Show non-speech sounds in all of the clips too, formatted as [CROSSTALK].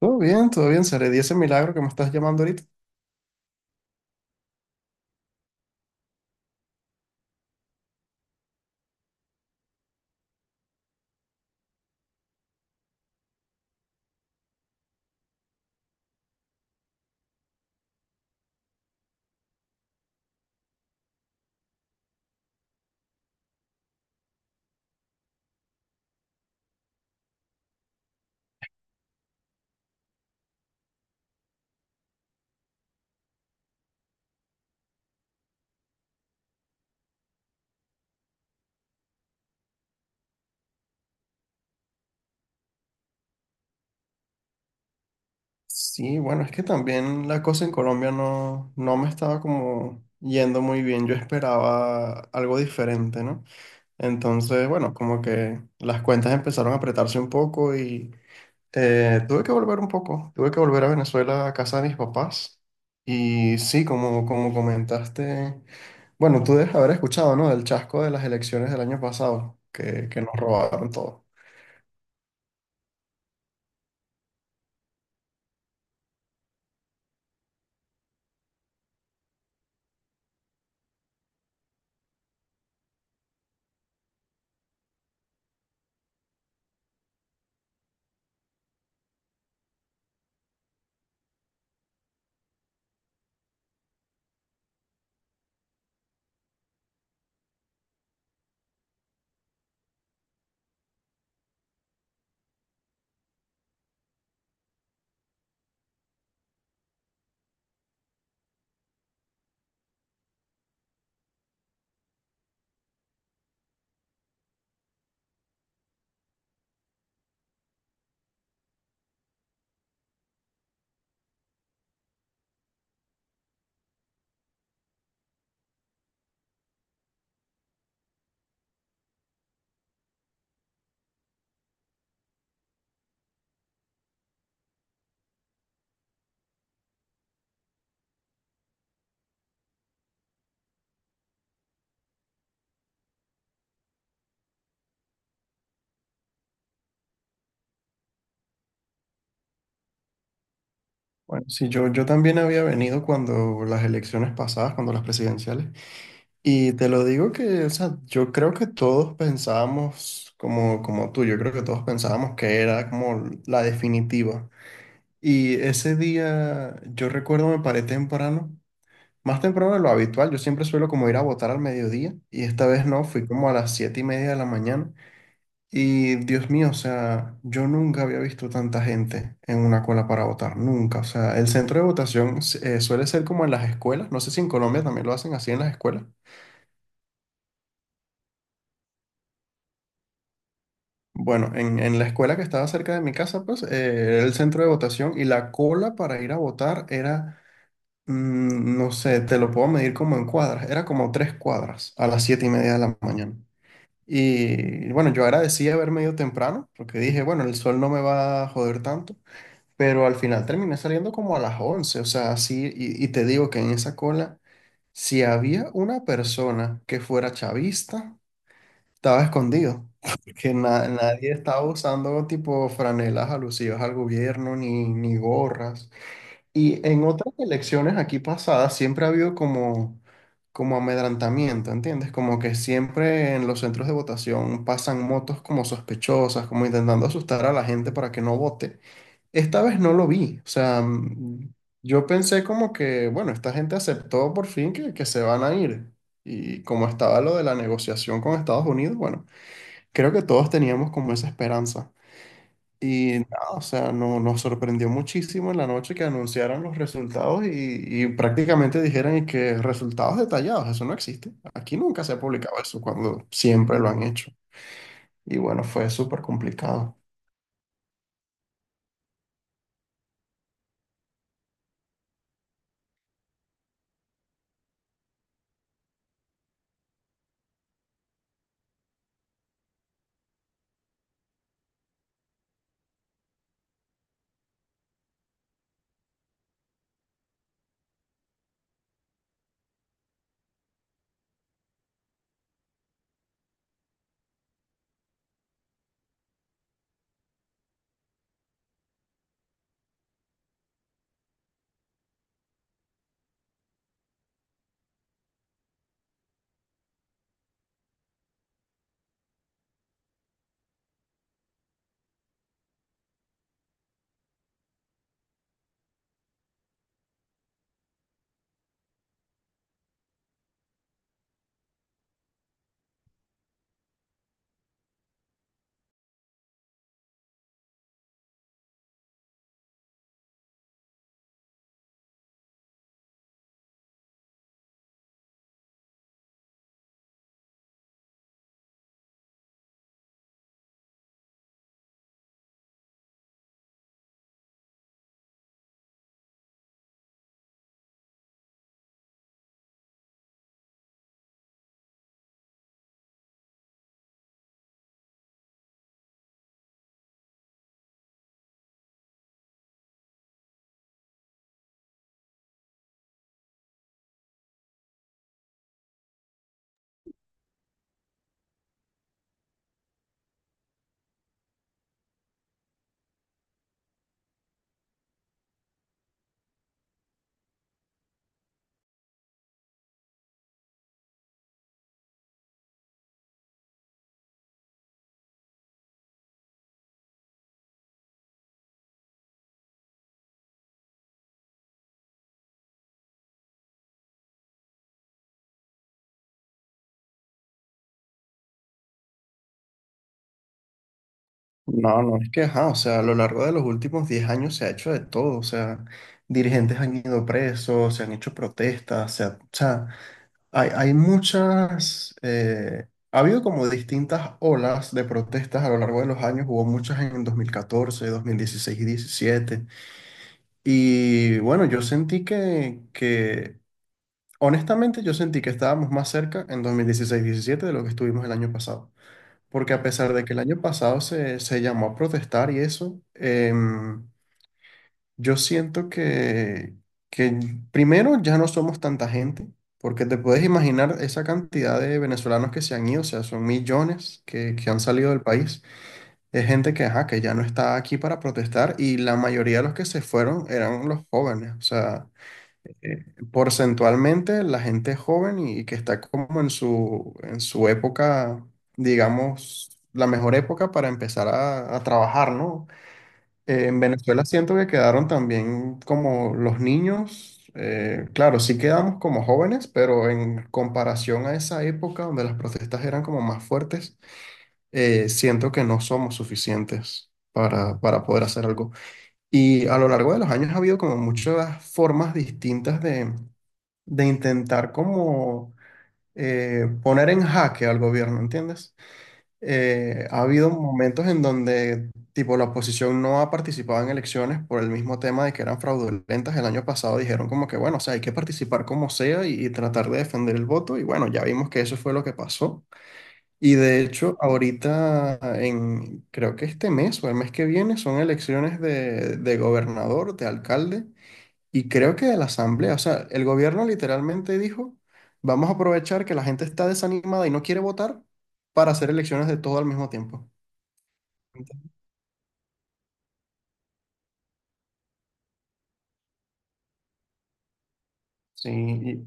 Todo bien, Sare. Y ese milagro que me estás llamando ahorita. Sí, bueno, es que también la cosa en Colombia no me estaba como yendo muy bien. Yo esperaba algo diferente, ¿no? Entonces, bueno, como que las cuentas empezaron a apretarse un poco y tuve que volver un poco. Tuve que volver a Venezuela, a casa de mis papás. Y sí, como comentaste, bueno, tú debes haber escuchado, ¿no? Del chasco de las elecciones del año pasado, que nos robaron todo. Bueno, sí, yo también había venido cuando las elecciones pasadas, cuando las presidenciales, y te lo digo que, o sea, yo creo que todos pensábamos como tú. Yo creo que todos pensábamos que era como la definitiva. Y ese día, yo recuerdo, me paré temprano, más temprano de lo habitual. Yo siempre suelo como ir a votar al mediodía, y esta vez no, fui como a las 7:30 de la mañana. Y Dios mío, o sea, yo nunca había visto tanta gente en una cola para votar, nunca. O sea, el centro de votación suele ser como en las escuelas. No sé si en Colombia también lo hacen así en las escuelas. Bueno, en la escuela que estaba cerca de mi casa, pues, era el centro de votación, y la cola para ir a votar era, no sé, te lo puedo medir como en cuadras. Era como 3 cuadras a las 7:30 de la mañana. Y bueno, yo agradecí haberme ido temprano porque dije, bueno, el sol no me va a joder tanto. Pero al final terminé saliendo como a las 11, o sea, así, y te digo que en esa cola, si había una persona que fuera chavista, estaba escondido, [LAUGHS] porque nadie estaba usando tipo franelas alusivas al gobierno ni gorras. Y en otras elecciones aquí pasadas siempre ha habido como amedrantamiento, ¿entiendes? Como que siempre en los centros de votación pasan motos como sospechosas, como intentando asustar a la gente para que no vote. Esta vez no lo vi, o sea, yo pensé como que, bueno, esta gente aceptó por fin que se van a ir. Y como estaba lo de la negociación con Estados Unidos, bueno, creo que todos teníamos como esa esperanza. Y nada, o sea, no, nos sorprendió muchísimo en la noche que anunciaran los resultados y prácticamente dijeran y que resultados detallados, eso no existe. Aquí nunca se ha publicado eso cuando siempre lo han hecho. Y bueno, fue súper complicado. No, no, es que, ajá, o sea, a lo largo de los últimos 10 años se ha hecho de todo. O sea, dirigentes han ido presos, se han hecho protestas, o sea, hay muchas, ha habido como distintas olas de protestas a lo largo de los años. Hubo muchas en 2014, 2016 y 17. Y bueno, yo sentí que, honestamente, yo sentí que estábamos más cerca en 2016, 17 de lo que estuvimos el año pasado. Porque a pesar de que el año pasado se llamó a protestar y eso, yo siento que primero ya no somos tanta gente, porque te puedes imaginar esa cantidad de venezolanos que se han ido. O sea, son millones que han salido del país. Es gente que, ajá, que ya no está aquí para protestar, y la mayoría de los que se fueron eran los jóvenes. O sea, eh, porcentualmente la gente joven y que está como en en su época, digamos, la mejor época para empezar a trabajar, ¿no? En Venezuela siento que quedaron también como los niños. Claro sí quedamos como jóvenes, pero en comparación a esa época donde las protestas eran como más fuertes, siento que no somos suficientes para poder hacer algo. Y a lo largo de los años ha habido como muchas formas distintas de intentar como poner en jaque al gobierno, ¿entiendes? Ha habido momentos en donde, tipo, la oposición no ha participado en elecciones por el mismo tema de que eran fraudulentas. El año pasado dijeron como que, bueno, o sea, hay que participar como sea, y tratar de defender el voto. Y bueno, ya vimos que eso fue lo que pasó. Y de hecho, ahorita, creo que este mes o el mes que viene, son elecciones de gobernador, de alcalde. Y creo que de la asamblea. O sea, el gobierno literalmente dijo, vamos a aprovechar que la gente está desanimada y no quiere votar, para hacer elecciones de todo al mismo tiempo. Sí,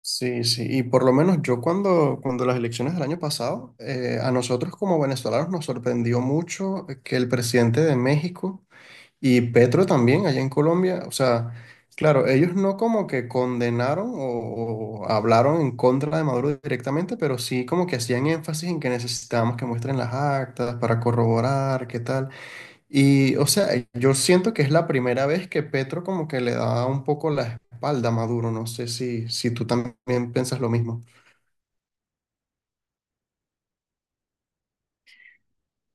sí, sí. Y por lo menos yo, cuando las elecciones del año pasado, a nosotros como venezolanos nos sorprendió mucho que el presidente de México y Petro también, allá en Colombia, o sea, claro, ellos no como que condenaron o hablaron en contra de Maduro directamente, pero sí como que hacían énfasis en que necesitábamos que muestren las actas para corroborar qué tal. Y, o sea, yo siento que es la primera vez que Petro como que le da un poco la espalda a Maduro. No sé si tú también piensas lo mismo.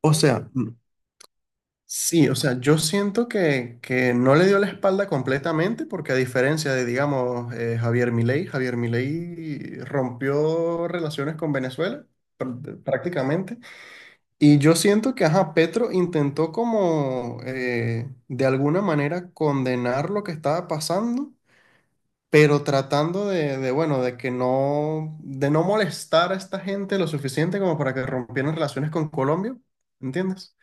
O sea, sí. O sea, yo siento que no le dio la espalda completamente, porque a diferencia de, digamos, Javier Milei, Javier Milei rompió relaciones con Venezuela prácticamente. Y yo siento que, ajá, Petro intentó como de alguna manera condenar lo que estaba pasando, pero tratando bueno, de que no, de no molestar a esta gente lo suficiente como para que rompieran relaciones con Colombia, ¿entiendes?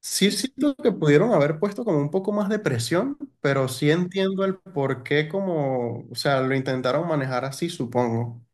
Sí, siento que pudieron haber puesto como un poco más de presión, pero sí entiendo el por qué. Como, o sea, lo intentaron manejar así, supongo.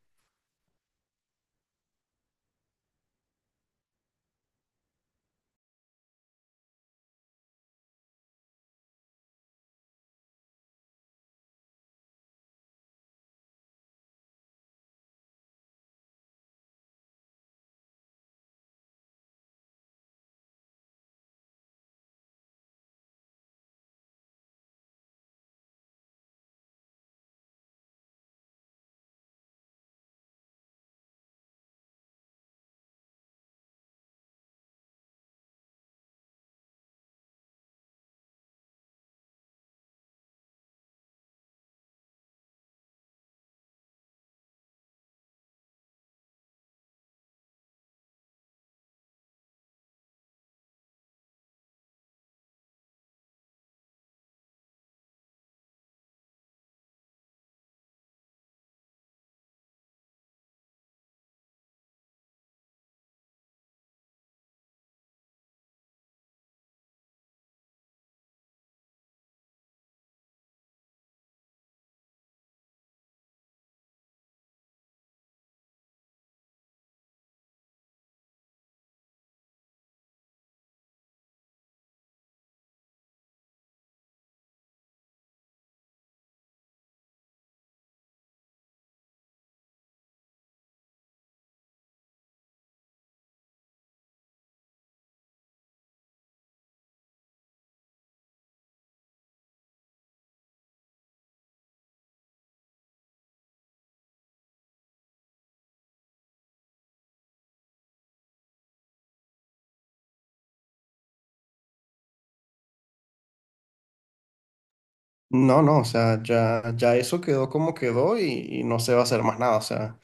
No, no, o sea, ya, ya eso quedó como quedó, y no se va a hacer más nada. O sea,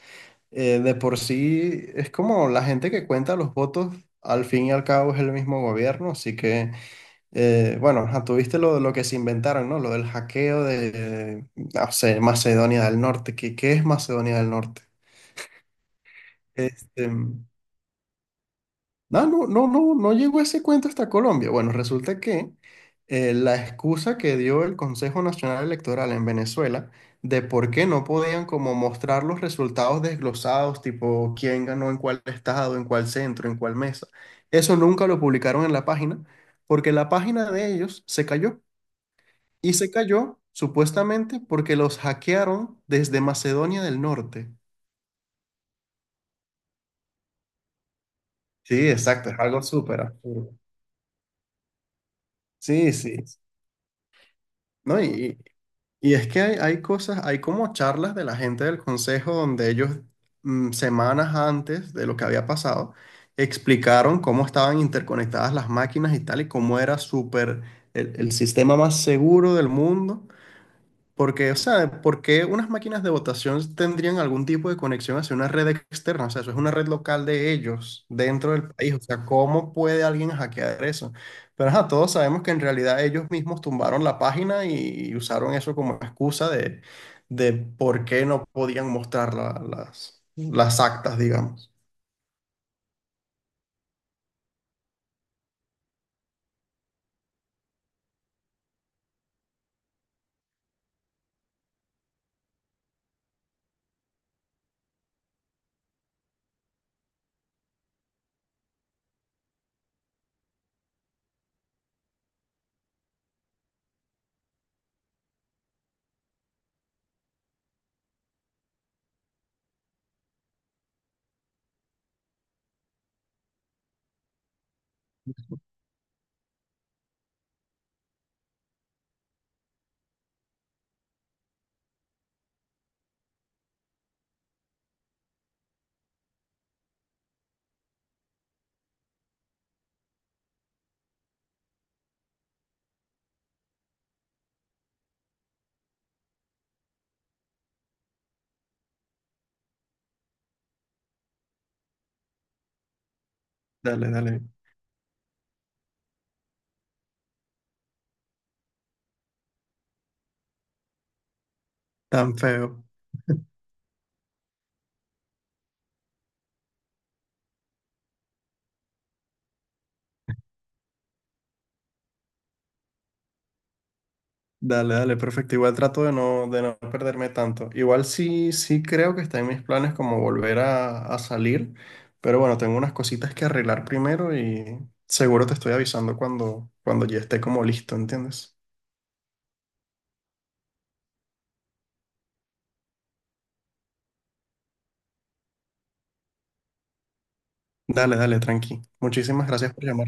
de por sí es como la gente que cuenta los votos. Al fin y al cabo es el mismo gobierno, así que, bueno, ajá, tuviste lo que se inventaron, ¿no? Lo del hackeo de, no sé, Macedonia del Norte. ¿Qué es Macedonia del Norte? Este, No, no, no, no, no llegó ese cuento hasta Colombia. Bueno, resulta que la excusa que dio el Consejo Nacional Electoral en Venezuela de por qué no podían como mostrar los resultados desglosados, tipo quién ganó en cuál estado, en cuál centro, en cuál mesa. Eso nunca lo publicaron en la página, porque la página de ellos se cayó, y se cayó supuestamente porque los hackearon desde Macedonia del Norte. Sí, exacto, es algo súper absurdo. Sí, sí. ¿No? Y es que hay, cosas, hay como charlas de la gente del consejo donde ellos, semanas antes de lo que había pasado, explicaron cómo estaban interconectadas las máquinas y tal, y cómo era súper el sistema más seguro del mundo. Porque, o sea, ¿por qué unas máquinas de votación tendrían algún tipo de conexión hacia una red externa? O sea, eso es una red local de ellos, dentro del país. O sea, ¿cómo puede alguien hackear eso? Pero ajá, todos sabemos que en realidad ellos mismos tumbaron la página y usaron eso como excusa de por qué no podían mostrar las actas, digamos. Dale, dale. Tan feo. Dale, dale, perfecto. Igual trato de no perderme tanto. Igual sí, sí creo que está en mis planes como volver a salir, pero bueno, tengo unas cositas que arreglar primero, y seguro te estoy avisando cuando ya esté como listo, ¿entiendes? Dale, dale, tranqui. Muchísimas gracias por llamar.